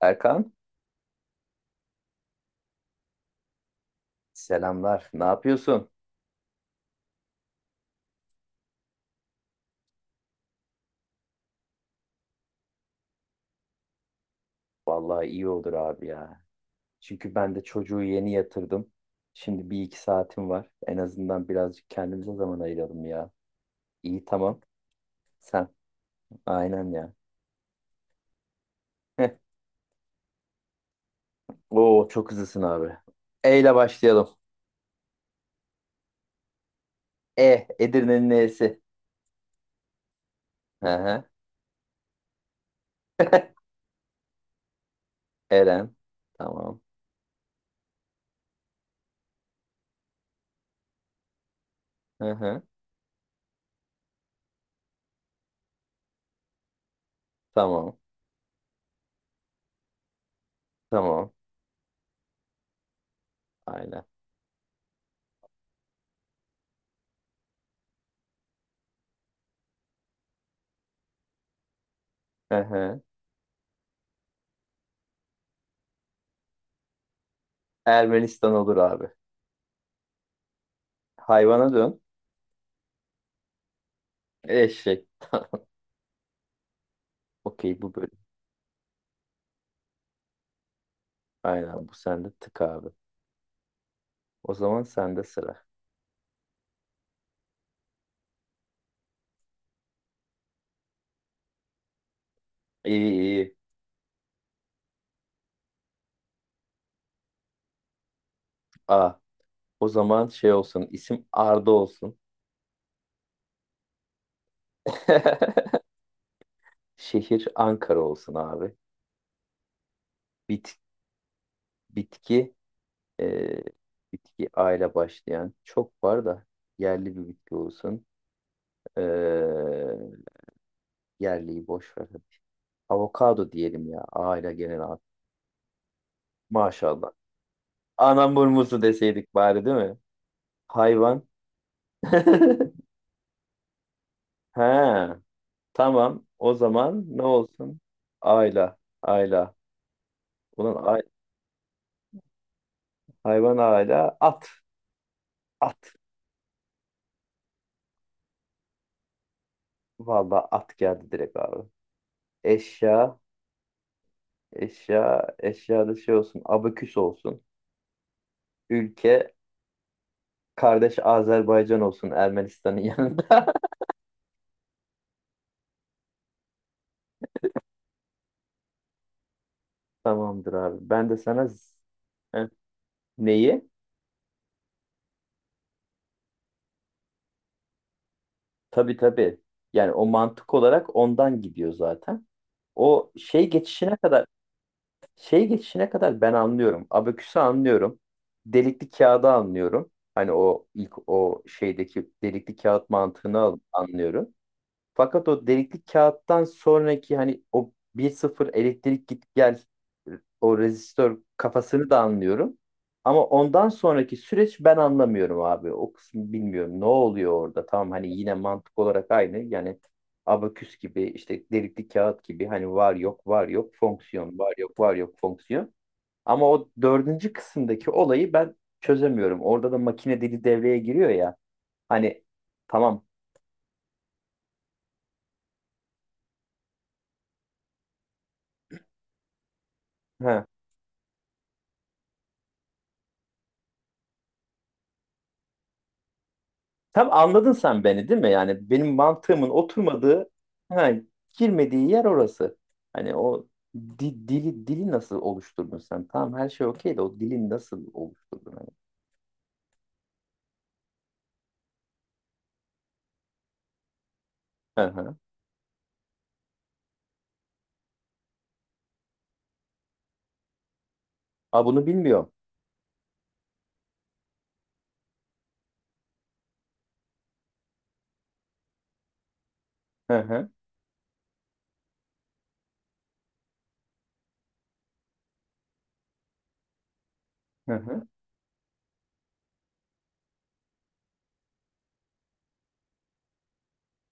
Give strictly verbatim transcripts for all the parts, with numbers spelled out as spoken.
Erkan, selamlar. Ne yapıyorsun? Vallahi iyi olur abi ya. Çünkü ben de çocuğu yeni yatırdım. Şimdi bir iki saatim var. En azından birazcık kendimize zaman ayıralım ya. İyi, tamam. Sen. Aynen ya. Heh. Oo çok hızlısın abi. E ile başlayalım. E. Edirne'nin E'si. Hı hı. Eren. Tamam. Hı hı. Tamam. Tamam. Aynen. Hı hı. Ermenistan olur abi. Hayvana dön. Eşek. Okey, bu böyle. Aynen, bu sende tık abi. O zaman sende sıra. İyi iyi. Aa, o zaman şey olsun. İsim Arda olsun. Şehir Ankara olsun abi. Bit, bitki e, bitki A ile başlayan çok var da yerli bir bitki olsun. E, yerliyi boş ver. Avokado diyelim ya. A ile gelen abi. Maşallah. Anam burmusu deseydik bari, değil mi? Hayvan. He. Tamam. O zaman ne olsun? Ayla. Ayla. Ulan ay- hayvan ayla. At. At. Vallahi at geldi direkt abi. Eşya. Eşya. Eşyada şey olsun. Abaküs olsun. Ülke. Kardeş Azerbaycan olsun. Ermenistan'ın yanında. Tamamdır abi. Ben de sana z- Heh. Neyi? Tabii tabii. Yani o mantık olarak ondan gidiyor zaten. O şey geçişine kadar. Şey geçişine kadar ben anlıyorum. Abaküsü anlıyorum. Delikli kağıdı anlıyorum. Hani o ilk o şeydeki delikli kağıt mantığını al- anlıyorum. Fakat o delikli kağıttan sonraki hani o bir sıfır elektrik git gel o rezistör kafasını da anlıyorum. Ama ondan sonraki süreç ben anlamıyorum abi. O kısmı bilmiyorum. Ne oluyor orada? Tamam, hani yine mantık olarak aynı. Yani abaküs gibi, işte delikli kağıt gibi, hani var yok var yok fonksiyon, var yok var yok fonksiyon. Ama o dördüncü kısımdaki olayı ben çözemiyorum. Orada da makine dili devreye giriyor ya. Hani tamam. He. Tam anladın sen beni, değil mi? Yani benim mantığımın oturmadığı, ha, girmediği yer orası. Hani o di- dili dili nasıl oluşturdun sen? Tamam, her şey okey de o dili nasıl oluşturdun? Hani? Hı hı. Aa, bunu bilmiyorum. Hı hı. Hı hı.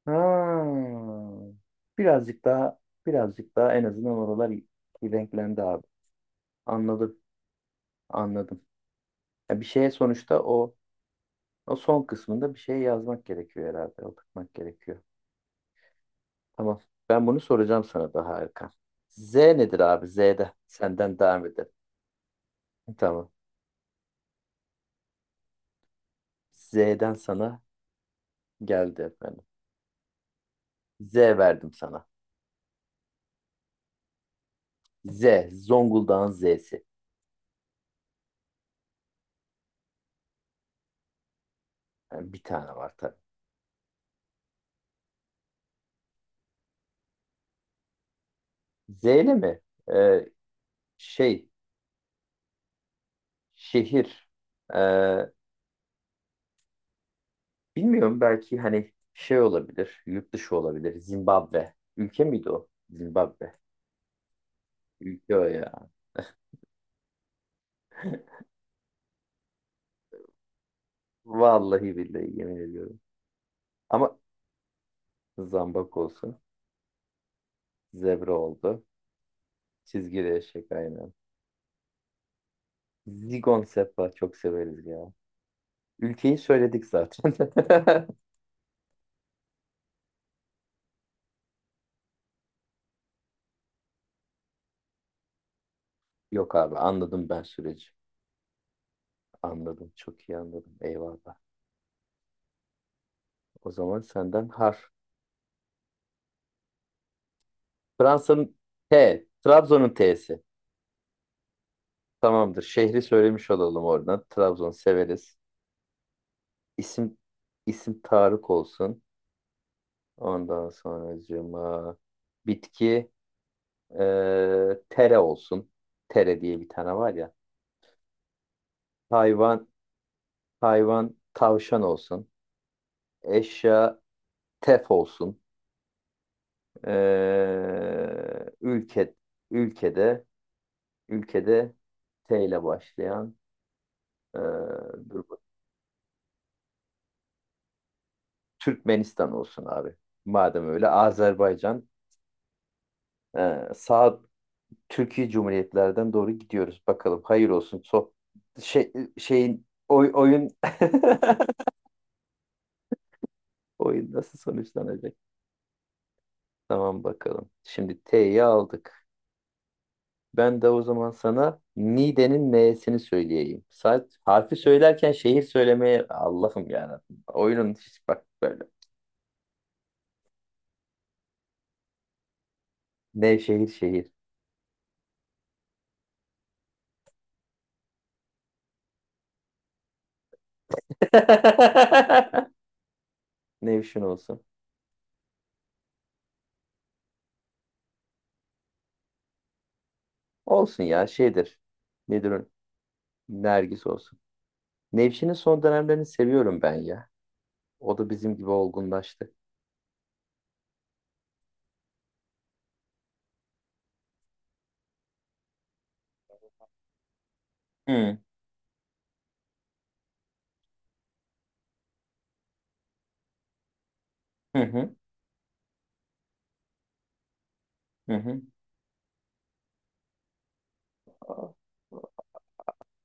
Ha. Birazcık daha birazcık daha en azından oralar renklendi abi. Anladım. Anladım. Ya bir şeye sonuçta o o son kısmında bir şey yazmak gerekiyor herhalde. Oturtmak gerekiyor. Tamam. Ben bunu soracağım sana daha Erkan. Z nedir abi? Z'de. Senden devam edelim. Tamam. Z'den sana geldi efendim. Z verdim sana. Z. Zonguldak'ın Z'si. Yani bir tane var tabii. Z ile mi? Ee, şey. Şehir. Ee, bilmiyorum, belki hani şey olabilir. Yurt dışı olabilir. Zimbabwe. Ülke miydi o? Zimbabwe. Ülke o ya. Vallahi billahi yemin ediyorum. Ama zambak olsun. Zebra oldu. Çizgili eşek aynen. Zigon Sepa çok severiz ya. Ülkeyi söyledik zaten. Yok abi, anladım ben süreci. Anladım, çok iyi anladım. Eyvallah. O zaman senden harf. Fransa'nın T. Trabzon'un T'si. Tamamdır. Şehri söylemiş olalım oradan. Trabzon severiz. İsim isim Tarık olsun. Ondan sonracığıma bitki eee, tere olsun. Tere diye bir tane var ya. Hayvan hayvan tavşan olsun. Eşya tef olsun. Ee, ülke ülkede ülkede T ile başlayan ee, dur bak- Türkmenistan olsun abi. Madem öyle Azerbaycan ee, sağ Türkiye Cumhuriyetlerden doğru gidiyoruz. Bakalım hayır olsun. So şey, şeyin oy, oyun, oyun nasıl sonuçlanacak? Tamam bakalım. Şimdi T'yi aldık. Ben de o zaman sana Niğde'nin N'sini söyleyeyim. Saat harfi söylerken şehir söylemeye Allah'ım ya. Oyunun hiç bak böyle. Nevşehir şehir. Nevşin olsun. Olsun ya, şeydir. Nedir o? Nergis olsun. Nevşin'in son dönemlerini seviyorum ben ya. O da bizim gibi olgunlaştı. Hı hı hı. Hı.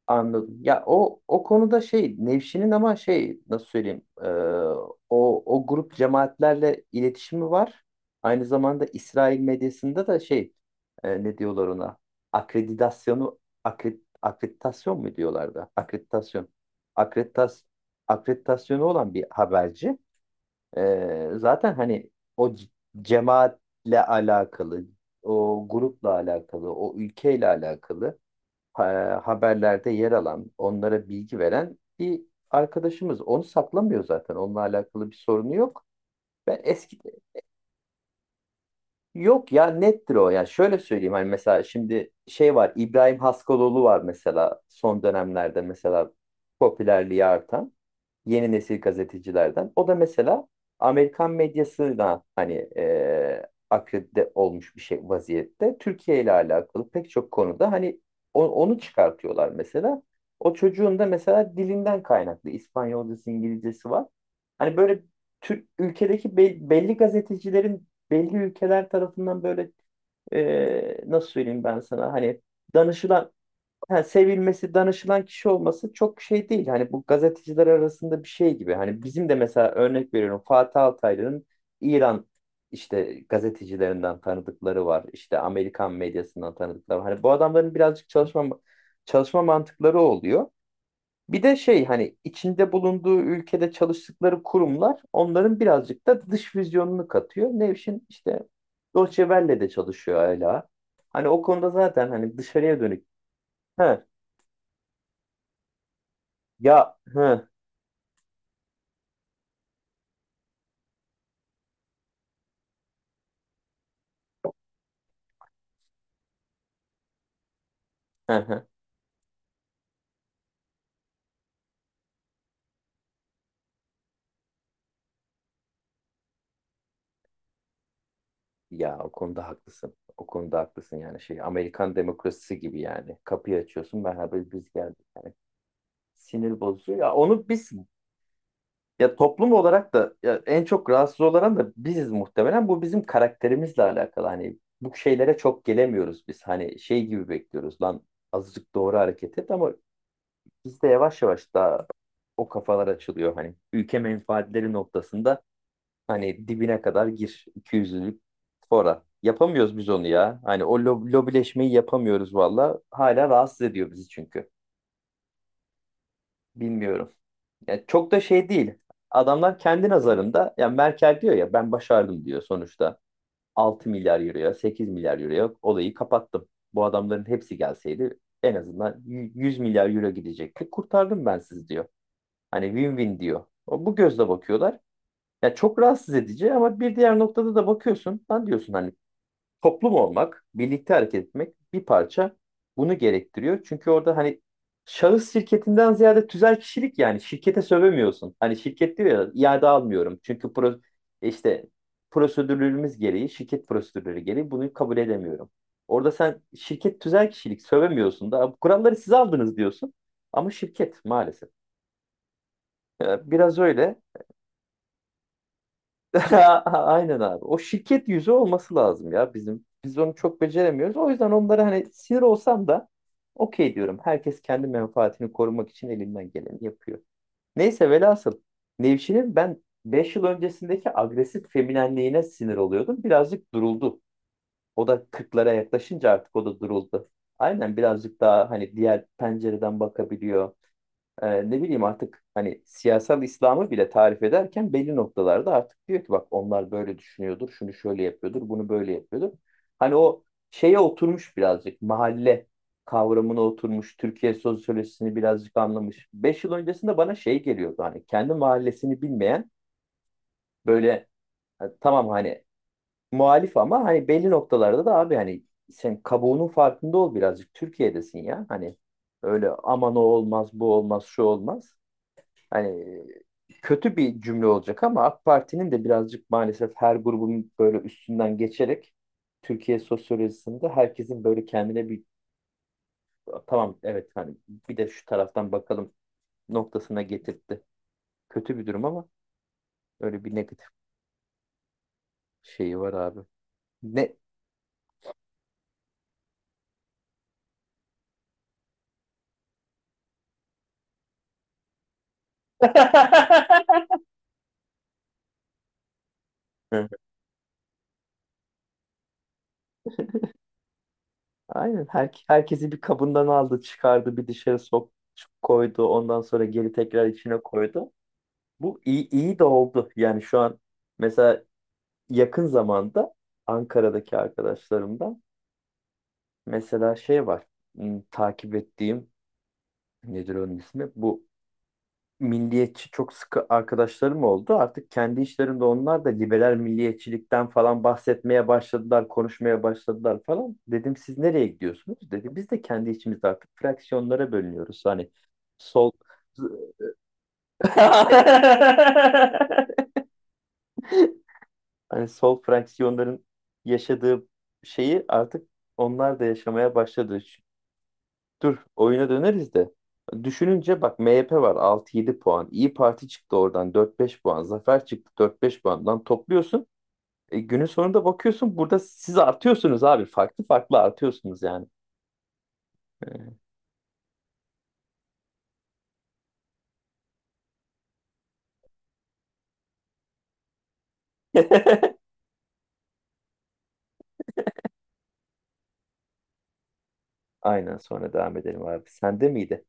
Anladım. Ya o o konuda şey Nevşin'in ama şey nasıl söyleyeyim e, o o grup cemaatlerle iletişimi var. Aynı zamanda İsrail medyasında da şey, e, ne diyorlar ona? akreditasyonu akre, akreditasyon mu diyorlardı? Akreditasyon. Akreditas akreditasyonu olan bir haberci. E, zaten hani o c- cemaatle alakalı, o grupla alakalı, o ülkeyle alakalı ha- haberlerde yer alan, onlara bilgi veren bir arkadaşımız. Onu saklamıyor zaten. Onunla alakalı bir sorunu yok. Ben eski. Yok ya, nettir o. Yani şöyle söyleyeyim, hani mesela şimdi şey var, İbrahim Haskaloğlu var mesela son dönemlerde mesela popülerliği artan yeni nesil gazetecilerden. O da mesela Amerikan medyasına hani e, akredite olmuş bir şey vaziyette. Türkiye ile alakalı pek çok konuda hani o- onu çıkartıyorlar mesela. O çocuğun da mesela dilinden kaynaklı İspanyolcası, İngilizcesi var. Hani böyle Türk ülkedeki be- belli gazetecilerin belli ülkeler tarafından böyle e, nasıl söyleyeyim ben sana hani danışılan ha, sevilmesi, danışılan kişi olması çok şey değil. Hani bu gazeteciler arasında bir şey gibi. Hani bizim de mesela örnek veriyorum Fatih Altaylı'nın İran işte gazetecilerinden tanıdıkları var. İşte Amerikan medyasından tanıdıkları var. Hani bu adamların birazcık çalışma çalışma mantıkları oluyor. Bir de şey, hani içinde bulunduğu ülkede çalıştıkları kurumlar onların birazcık da dış vizyonunu katıyor. Nevşin işte Deutsche Welle'de çalışıyor hala. Hani o konuda zaten hani dışarıya dönük. He, ya hı, hı, hı. Ya o konuda haklısın. O konuda haklısın, yani şey Amerikan demokrasisi gibi yani. Kapıyı açıyorsun, merhaba biz geldik. Yani sinir bozucu. Ya onu biz ya toplum olarak da ya en çok rahatsız olan da biziz muhtemelen. Bu bizim karakterimizle alakalı. Hani bu şeylere çok gelemiyoruz biz. Hani şey gibi bekliyoruz, lan azıcık doğru hareket et, ama bizde yavaş yavaş daha o kafalar açılıyor. Hani ülke menfaatleri noktasında. Hani dibine kadar gir iki yüzlük fora. Yapamıyoruz biz onu ya. Hani o lo- lobileşmeyi yapamıyoruz valla. Hala rahatsız ediyor bizi çünkü. Bilmiyorum. Yani çok da şey değil. Adamlar kendi nazarında ya, Merkel diyor ya ben başardım diyor sonuçta. Altı milyar euroya, sekiz milyar euroya olayı kapattım. Bu adamların hepsi gelseydi en azından y- 100 milyar euro gidecekti. Kurtardım ben sizi diyor. Hani win-win diyor. O, bu gözle bakıyorlar. Ya çok rahatsız edici, ama bir diğer noktada da bakıyorsun. Lan diyorsun hani toplum olmak, birlikte hareket etmek bir parça bunu gerektiriyor. Çünkü orada hani şahıs şirketinden ziyade tüzel kişilik, yani şirkete sövemiyorsun. Hani şirket diyor ya iade almıyorum. Çünkü pro, işte prosedürlerimiz gereği, şirket prosedürleri gereği bunu kabul edemiyorum. Orada sen şirket tüzel kişilik sövemiyorsun da "Bu kuralları siz aldınız" diyorsun. Ama şirket maalesef. Ee, Biraz öyle. Aynen abi. O şirket yüzü olması lazım ya bizim. Biz onu çok beceremiyoruz. O yüzden onlara hani sinir olsam da okey diyorum. Herkes kendi menfaatini korumak için elinden geleni yapıyor. Neyse velhasıl Nevşin'in ben beş yıl öncesindeki agresif feminenliğine sinir oluyordum. Birazcık duruldu. O da kırklara yaklaşınca artık o da duruldu. Aynen birazcık daha hani diğer pencereden bakabiliyor. E, ne bileyim, artık hani siyasal İslam'ı bile tarif ederken belli noktalarda artık diyor ki bak onlar böyle düşünüyordur, şunu şöyle yapıyordur, bunu böyle yapıyordur. Hani o şeye oturmuş, birazcık mahalle kavramına oturmuş, Türkiye sosyolojisini birazcık anlamış. Beş yıl öncesinde bana şey geliyordu, hani kendi mahallesini bilmeyen böyle e, tamam hani muhalif, ama hani belli noktalarda da abi hani sen kabuğunun farkında ol, birazcık Türkiye'desin ya hani öyle aman o olmaz bu olmaz şu olmaz hani, kötü bir cümle olacak ama AK Parti'nin de birazcık maalesef her grubun böyle üstünden geçerek Türkiye sosyolojisinde herkesin böyle kendine bir tamam evet hani bir de şu taraftan bakalım noktasına getirtti. Kötü bir durum, ama öyle bir negatif şeyi var abi. Ne? Hı. Aynen her, herkesi bir kabından aldı, çıkardı, bir dışarı sok koydu, ondan sonra geri tekrar içine koydu. Bu iyi, iyi de oldu. Yani şu an mesela yakın zamanda Ankara'daki arkadaşlarımdan mesela şey var. hmm, Takip ettiğim, nedir onun ismi? Bu milliyetçi çok sıkı arkadaşlarım oldu. Artık kendi işlerinde onlar da liberal milliyetçilikten falan bahsetmeye başladılar, konuşmaya başladılar falan. Dedim siz nereye gidiyorsunuz? Dedi biz de kendi içimizde artık fraksiyonlara bölünüyoruz. Hani sol. hani sol fraksiyonların yaşadığı şeyi artık onlar da yaşamaya başladı. Ş- Dur oyuna döneriz de. Düşününce bak M H P var altı yedi yedi puan. İyi Parti çıktı oradan dört beş puan. Zafer çıktı dört beş puandan topluyorsun. E, günün sonunda bakıyorsun burada siz artıyorsunuz abi. Farklı farklı artıyorsunuz yani. Aynen sonra devam edelim abi. Sende miydi?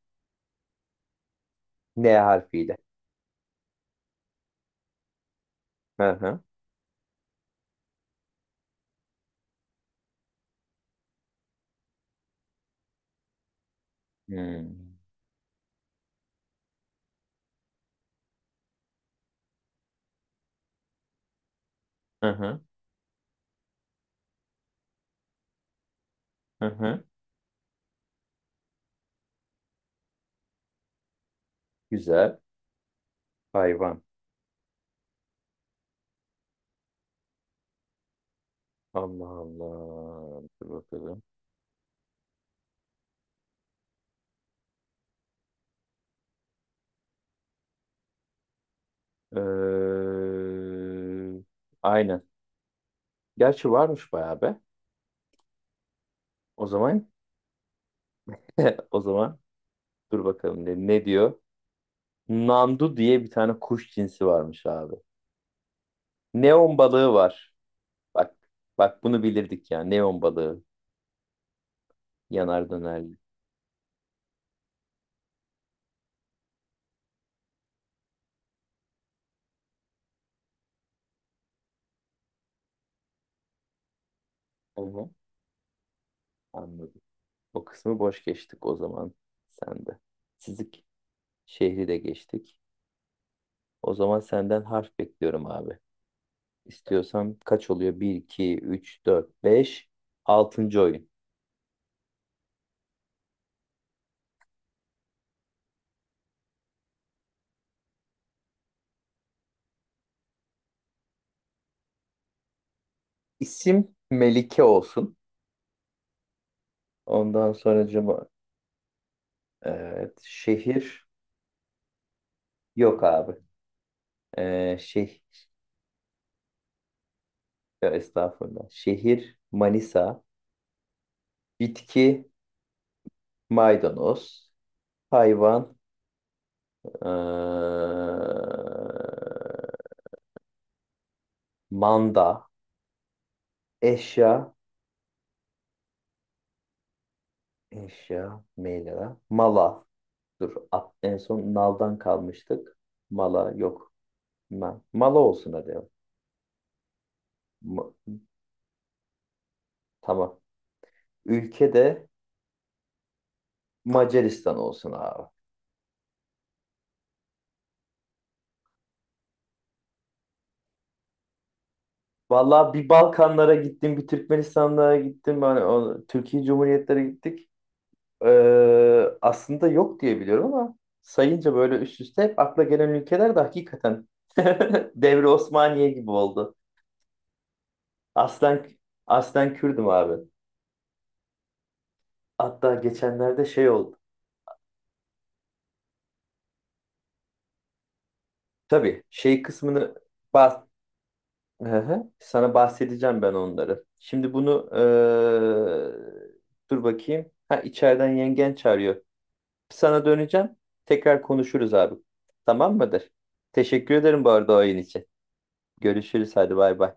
N harfiyle. Hı hı. Hmm. Hı hı. Hı hı. Güzel. Hayvan. Allah Allah. Dur bakalım. Ee, aynen. Gerçi varmış bayağı be. O zaman, o zaman dur bakalım, ne, ne diyor? Nandu diye bir tane kuş cinsi varmış abi. Neon balığı var. Bak, bak bunu bilirdik ya. Neon balığı yanar dönerli. Onu anladım. O kısmı boş geçtik o zaman sende. Sizik şehri de geçtik. O zaman senden harf bekliyorum abi. İstiyorsam kaç oluyor? Bir, iki, üç, dört, beş. altıncı oyun. İsim Melike olsun. Ondan sonracıma evet, şehir yok abi. Ee, şey ya estağfurullah. Şehir Manisa. Bitki maydanoz. Hayvan ee, manda. Eşya eşya meyla. Mala. Dur at, en son naldan kalmıştık. Mala yok. Ma Mala olsun hadi. Ma- tamam. Ülke de Macaristan olsun abi. Vallahi bir Balkanlara gittim, bir Türkmenistanlara gittim. Hani o, Türkiye Cumhuriyetlere gittik. Ee, aslında yok diye biliyorum, ama sayınca böyle üst üste hep akla gelen ülkeler de hakikaten Devri Osmaniye gibi oldu. Aslen aslen Kürdüm abi. Hatta geçenlerde şey oldu. Tabii şey kısmını. Hı hı. Sana bahsedeceğim ben onları. Şimdi bunu eee, dur bakayım. Ha, içeriden yengen çağırıyor. Sana döneceğim. Tekrar konuşuruz abi. Tamam mıdır? Teşekkür ederim bu arada oyun için. Görüşürüz hadi, bay bay.